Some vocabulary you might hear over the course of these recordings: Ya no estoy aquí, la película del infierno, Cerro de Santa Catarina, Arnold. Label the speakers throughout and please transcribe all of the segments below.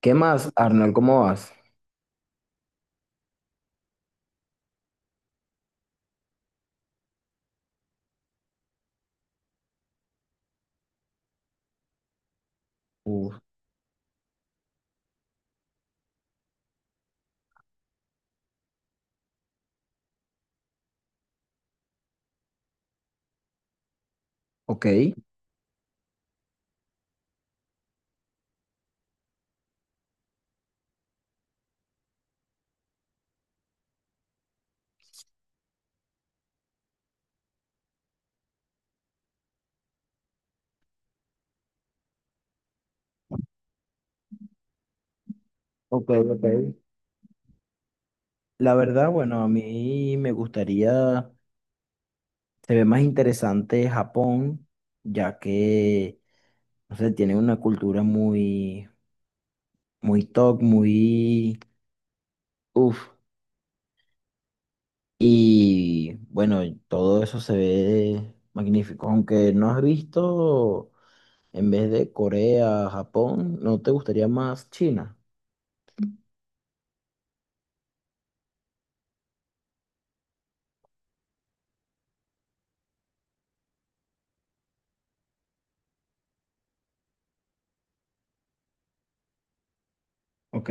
Speaker 1: ¿Qué más, Arnold? ¿Cómo vas? Uf, ok, ok, ok. La verdad, bueno, a mí me gustaría, se ve más interesante Japón, ya que, no sé, tiene una cultura muy, muy top, muy, uff. Y bueno, todo eso se ve magnífico, aunque no has visto, en vez de Corea, Japón, ¿no te gustaría más China? Ok,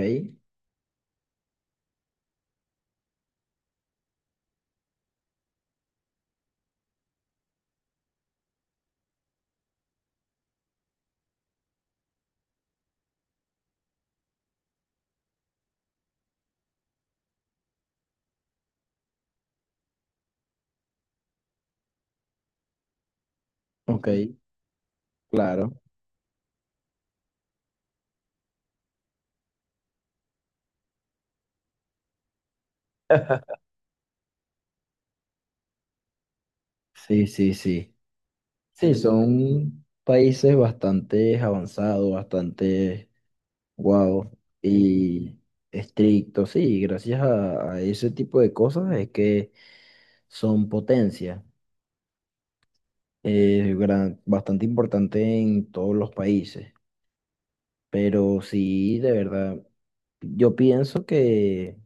Speaker 1: ok, claro, sí, sí, sí. Sí, son países bastante avanzados, bastante guau y estrictos. Sí, gracias a ese tipo de cosas es que son potencia, bastante importante en todos los países. Pero sí, de verdad, yo pienso que,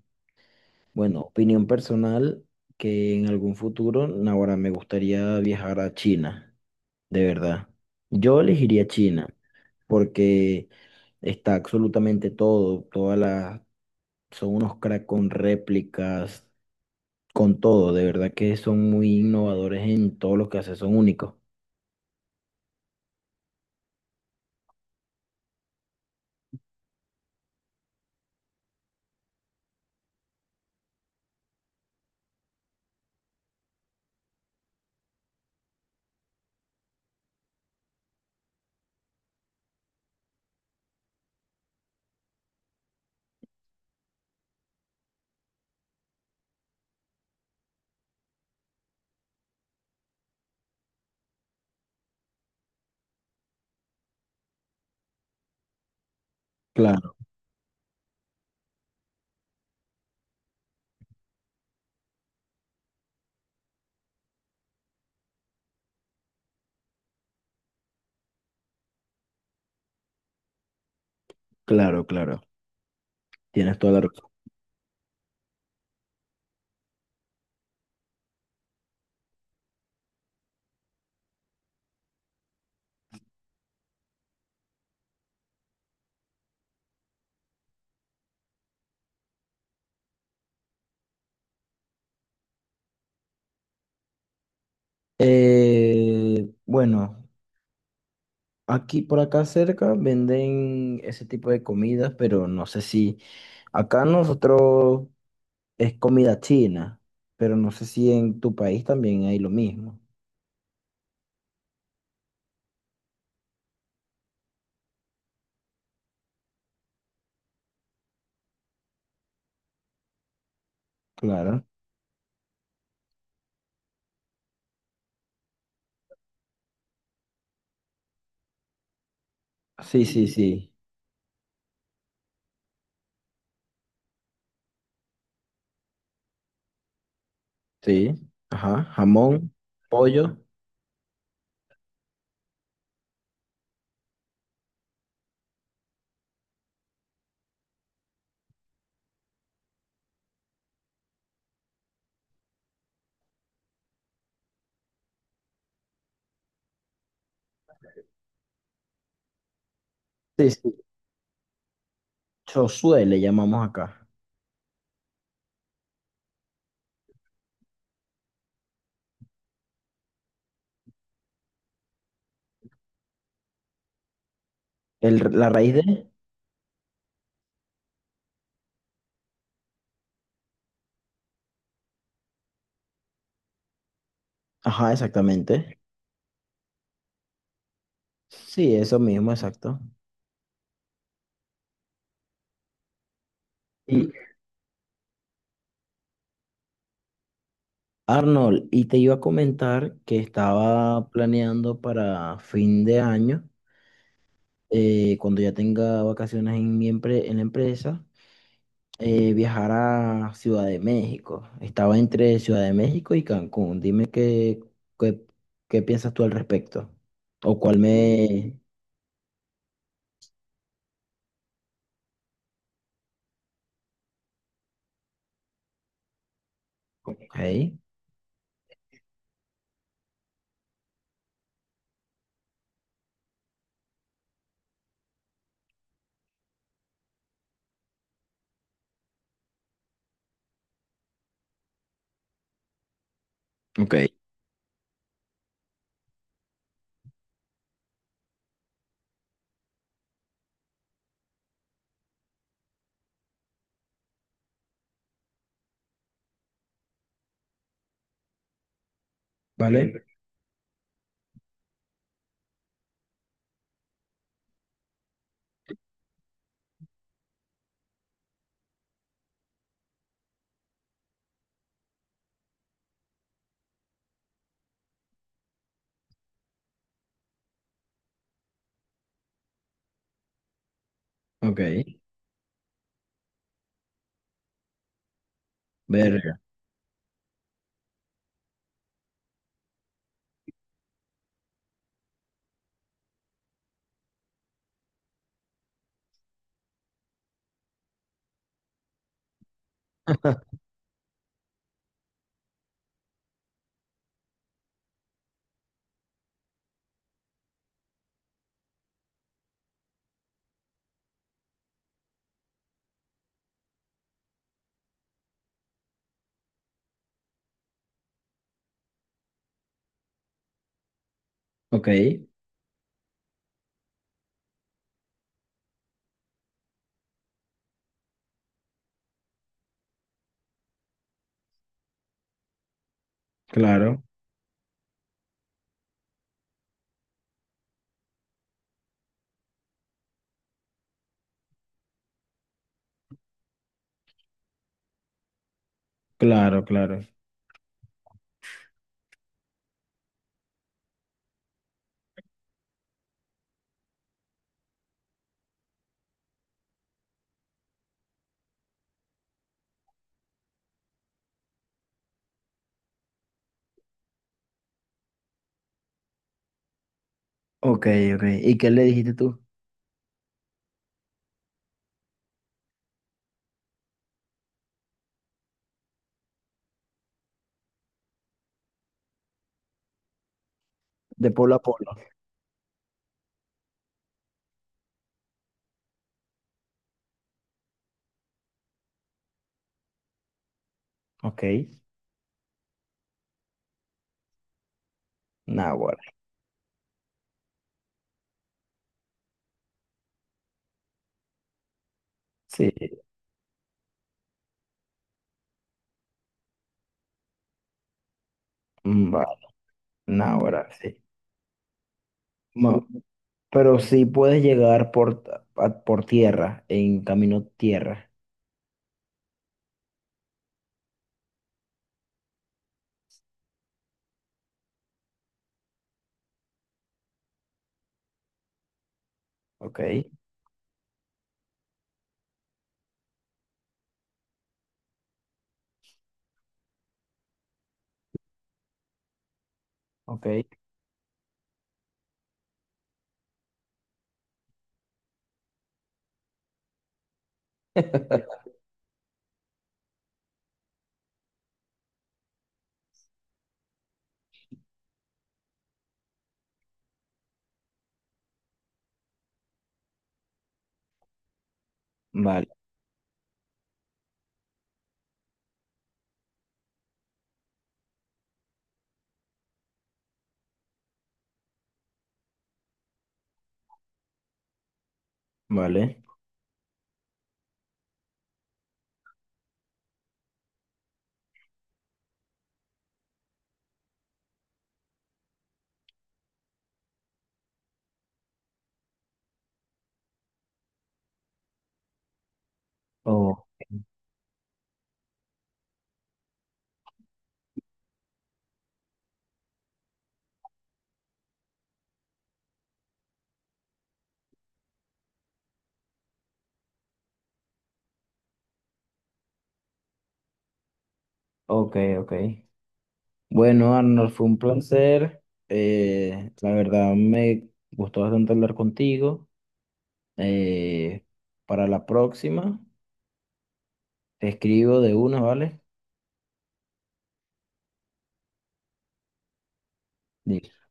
Speaker 1: bueno, opinión personal, que en algún futuro, ahora me gustaría viajar a China. De verdad. Yo elegiría China porque está absolutamente todo, son unos crack con réplicas, con todo, de verdad que son muy innovadores en todo lo que hacen, son únicos. Claro, claro, claro. Tienes toda la razón. Bueno, aquí por acá cerca venden ese tipo de comidas, pero no sé si acá nosotros es comida china, pero no sé si en tu país también hay lo mismo. Claro. Sí, sí, sí. Sí. Ajá. Jamón, pollo. Sí, sí. Chosue le llamamos acá. El, la raíz de. Ajá, exactamente. Sí, eso mismo, exacto. Y Arnold, y te iba a comentar que estaba planeando para fin de año, cuando ya tenga vacaciones en en la empresa, viajar a Ciudad de México. Estaba entre Ciudad de México y Cancún. Dime qué, qué, qué piensas tú al respecto. O cuál me... Ok, ok, ¿vale? Ok, verga. Ok, claro, claro, claro. Ok, ok. ¿Y qué le dijiste tú? De polo a polo. Ok, náguara. Sí, mm, vale, náguara, sí. Ma- pero sí puedes llegar por, ta- a- por tierra, en camino tierra. Ok, ok. Vale, vale. Oh, ok, ok. Bueno, Arnold, fue un placer. La verdad me gustó bastante hablar contigo. Eh, para la próxima, te escribo de una, ¿vale? Listo.